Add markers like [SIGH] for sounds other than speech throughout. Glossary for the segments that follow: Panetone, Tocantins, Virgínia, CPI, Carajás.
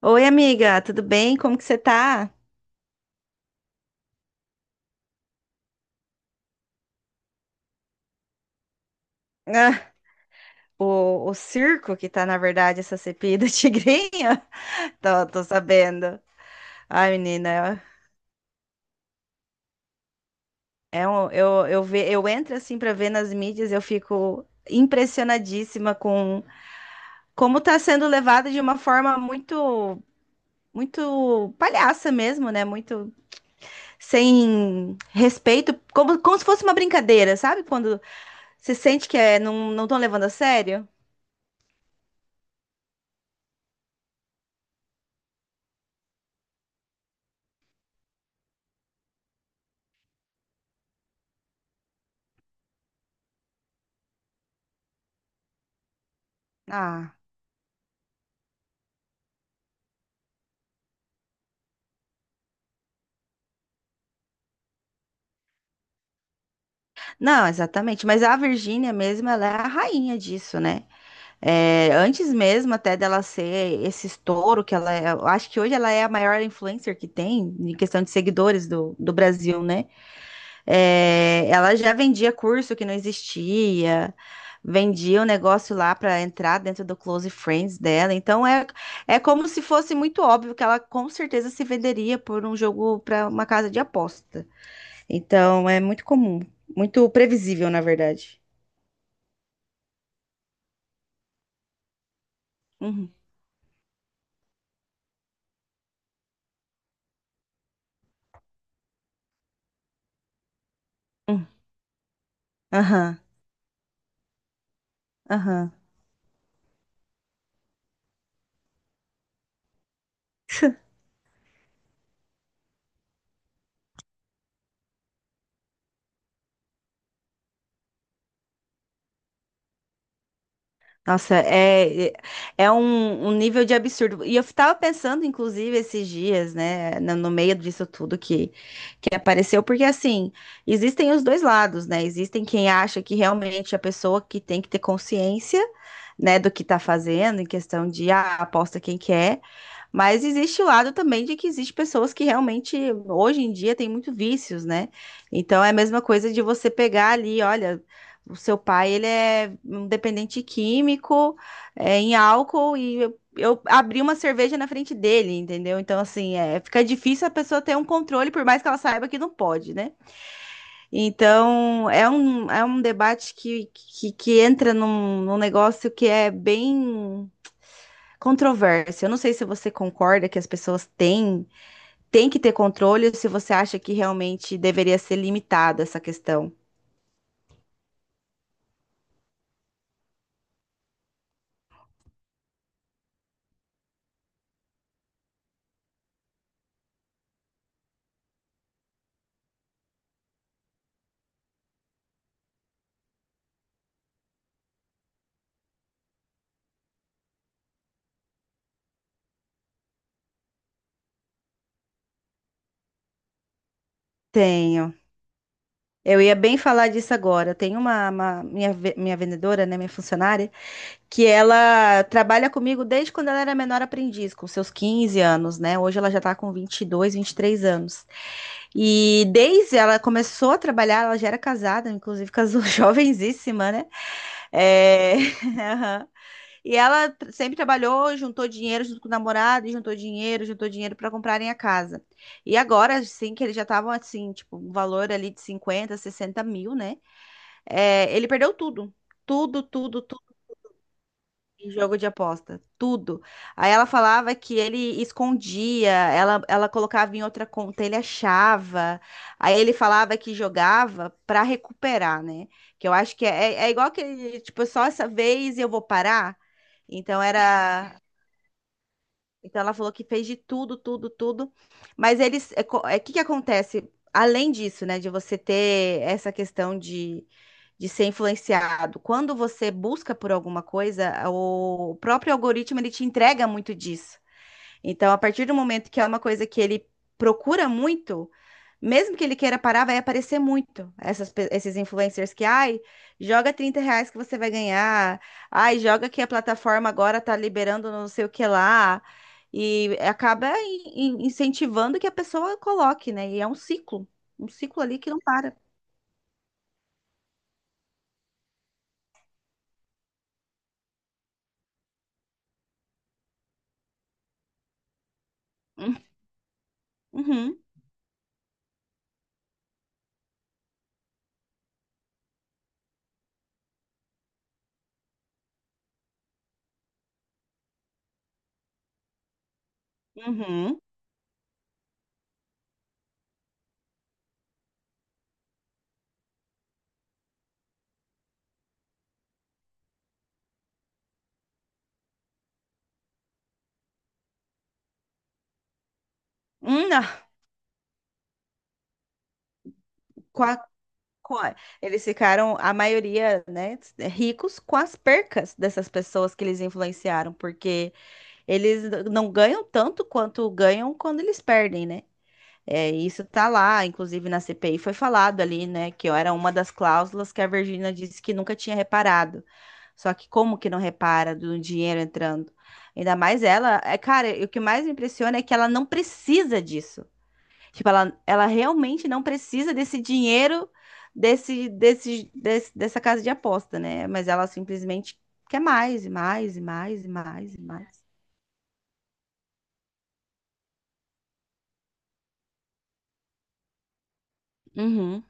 Oi, amiga, tudo bem? Como que você tá? Ah, o circo que tá, na verdade, essa cepida [LAUGHS] tigrinha, tô sabendo. Ai, menina, eu entro assim pra ver nas mídias, eu fico impressionadíssima com como tá sendo levada de uma forma muito palhaça mesmo, né? Muito sem respeito, como se fosse uma brincadeira, sabe? Quando você sente não estão levando a sério. Ah. Não, exatamente. Mas a Virgínia mesmo, ela é a rainha disso, né? É, antes mesmo até dela ser esse estouro que ela é, eu acho que hoje ela é a maior influencer que tem em questão de seguidores do Brasil, né? É, ela já vendia curso que não existia, vendia um negócio lá para entrar dentro do Close Friends dela. Então é como se fosse muito óbvio que ela com certeza se venderia por um jogo para uma casa de apostas. Então é muito comum, muito previsível, na verdade. Uhum, uhum. Aham, aham. Nossa, é um, um nível de absurdo. E eu tava pensando, inclusive, esses dias, né, no meio disso tudo que apareceu, porque assim, existem os dois lados, né? Existem quem acha que realmente a pessoa que tem que ter consciência, né, do que tá fazendo, em questão de, ah, aposta quem quer. Mas existe o lado também de que existe pessoas que realmente, hoje em dia, têm muito vícios, né? Então é a mesma coisa de você pegar ali, olha, o seu pai, ele é um dependente químico, é, em álcool, e eu abri uma cerveja na frente dele, entendeu? Então, assim, é, fica difícil a pessoa ter um controle, por mais que ela saiba que não pode, né? Então, é um debate que entra num negócio que é bem controvérsia. Eu não sei se você concorda que as pessoas têm, têm que ter controle ou se você acha que realmente deveria ser limitada essa questão. Tenho. Eu ia bem falar disso agora. Eu tenho uma, minha vendedora, né, minha funcionária, que ela trabalha comigo desde quando ela era menor aprendiz, com seus 15 anos, né? Hoje ela já tá com 22, 23 anos. E desde ela começou a trabalhar, ela já era casada, inclusive casou [LAUGHS] jovenzíssima, né? É... [LAUGHS] E ela sempre trabalhou, juntou dinheiro junto com o namorado, e juntou dinheiro para comprarem a casa. E agora, assim, que eles já estavam assim, tipo, um valor ali de 50, 60 mil, né? É, ele perdeu tudo. Tudo, tudo, tudo em jogo de aposta. Tudo. Aí ela falava que ele escondia, ela colocava em outra conta, ele achava. Aí ele falava que jogava para recuperar, né? Que eu acho que é, é é igual que, tipo, só essa vez eu vou parar. Então era. Então ela falou que fez de tudo, tudo, tudo. Mas eles, que acontece? Além disso, né, de você ter essa questão de ser influenciado, quando você busca por alguma coisa, o próprio algoritmo ele te entrega muito disso. Então, a partir do momento que é uma coisa que ele procura muito, mesmo que ele queira parar, vai aparecer muito esses influencers que, ai, joga 30 reais que você vai ganhar, ai, joga que a plataforma agora tá liberando não sei o que lá, e acaba incentivando que a pessoa coloque, né? E é um ciclo ali que não para. Uhum, uhum. Não. com a- Eles ficaram, a maioria, né, é, ricos com as percas dessas pessoas que eles influenciaram, porque eles não ganham tanto quanto ganham quando eles perdem, né? É, isso tá lá, inclusive na CPI foi falado ali, né, que era uma das cláusulas que a Virgínia disse que nunca tinha reparado. Só que como que não repara do dinheiro entrando? Ainda mais ela, é, cara, e o que mais me impressiona é que ela não precisa disso. Tipo, ela realmente não precisa desse dinheiro dessa casa de aposta, né? Mas ela simplesmente quer mais e mais e mais e mais e mais. Uhum,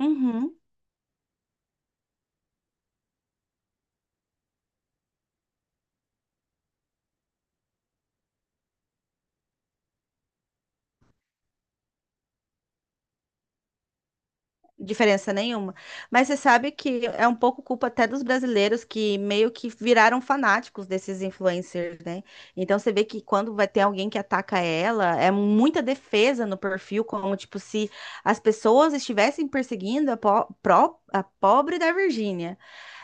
uhum. Diferença nenhuma. Mas você sabe que é um pouco culpa até dos brasileiros que meio que viraram fanáticos desses influencers, né? Então você vê que quando vai ter alguém que ataca ela, é muita defesa no perfil, como tipo se as pessoas estivessem perseguindo a, a pobre da Virgínia.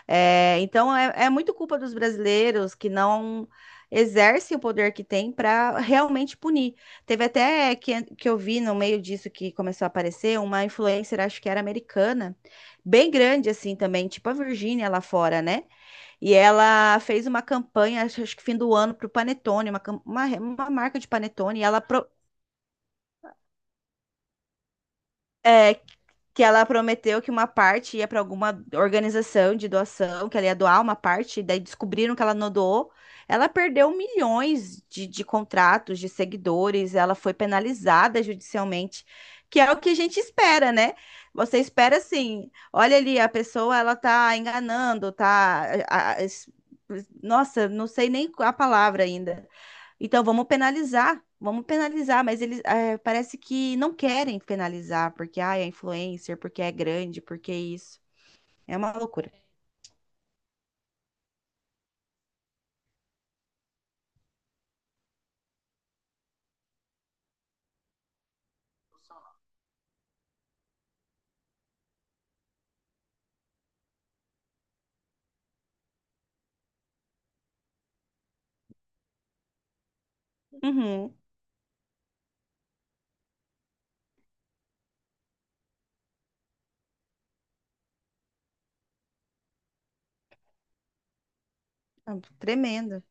É, então é muito culpa dos brasileiros que não exercem o poder que tem para realmente punir. Teve até que eu vi no meio disso que começou a aparecer uma influencer, acho que era americana, bem grande assim também, tipo a Virgínia lá fora, né? E ela fez uma campanha, acho que fim do ano, para o Panetone, uma marca de Panetone, e ela é, que ela prometeu que uma parte ia para alguma organização de doação, que ela ia doar uma parte, daí descobriram que ela não doou. Ela perdeu milhões de contratos, de seguidores, ela foi penalizada judicialmente, que é o que a gente espera, né? Você espera assim, olha ali, a pessoa ela tá enganando, tá. a- a- es- Nossa, não sei nem a palavra ainda. Então vamos penalizar, mas eles eh, parece que não querem penalizar, porque ah, é influencer, porque é grande, porque é isso. É uma loucura. Uhum, é tremendo.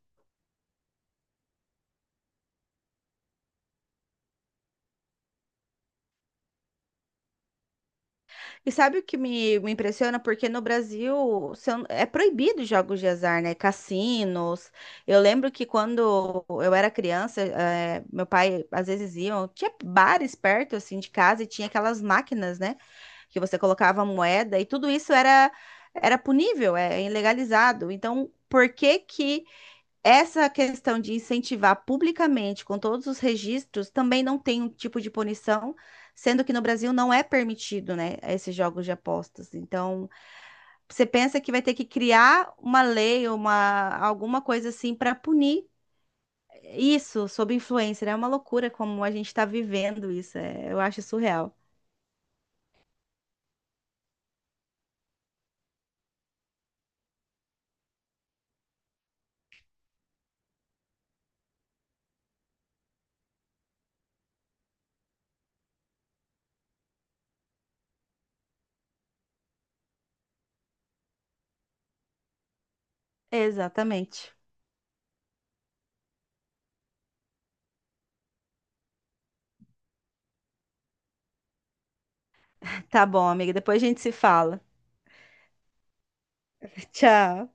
E sabe o que me impressiona? Porque no Brasil se eu- é proibido jogos de azar, né? Cassinos. Eu lembro que quando eu era criança, eh, meu pai às vezes iam, tinha bares perto assim de casa e tinha aquelas máquinas, né? Que você colocava moeda e tudo isso era era punível, é ilegalizado. Então, por que que essa questão de incentivar publicamente, com todos os registros, também não tem um tipo de punição, sendo que no Brasil não é permitido, né, esses jogos de apostas. Então, você pensa que vai ter que criar uma lei, uma, alguma coisa assim para punir isso sob influência, né? É uma loucura como a gente está vivendo isso. Eu acho surreal. Exatamente. Tá bom, amiga. Depois a gente se fala. [LAUGHS] Tchau.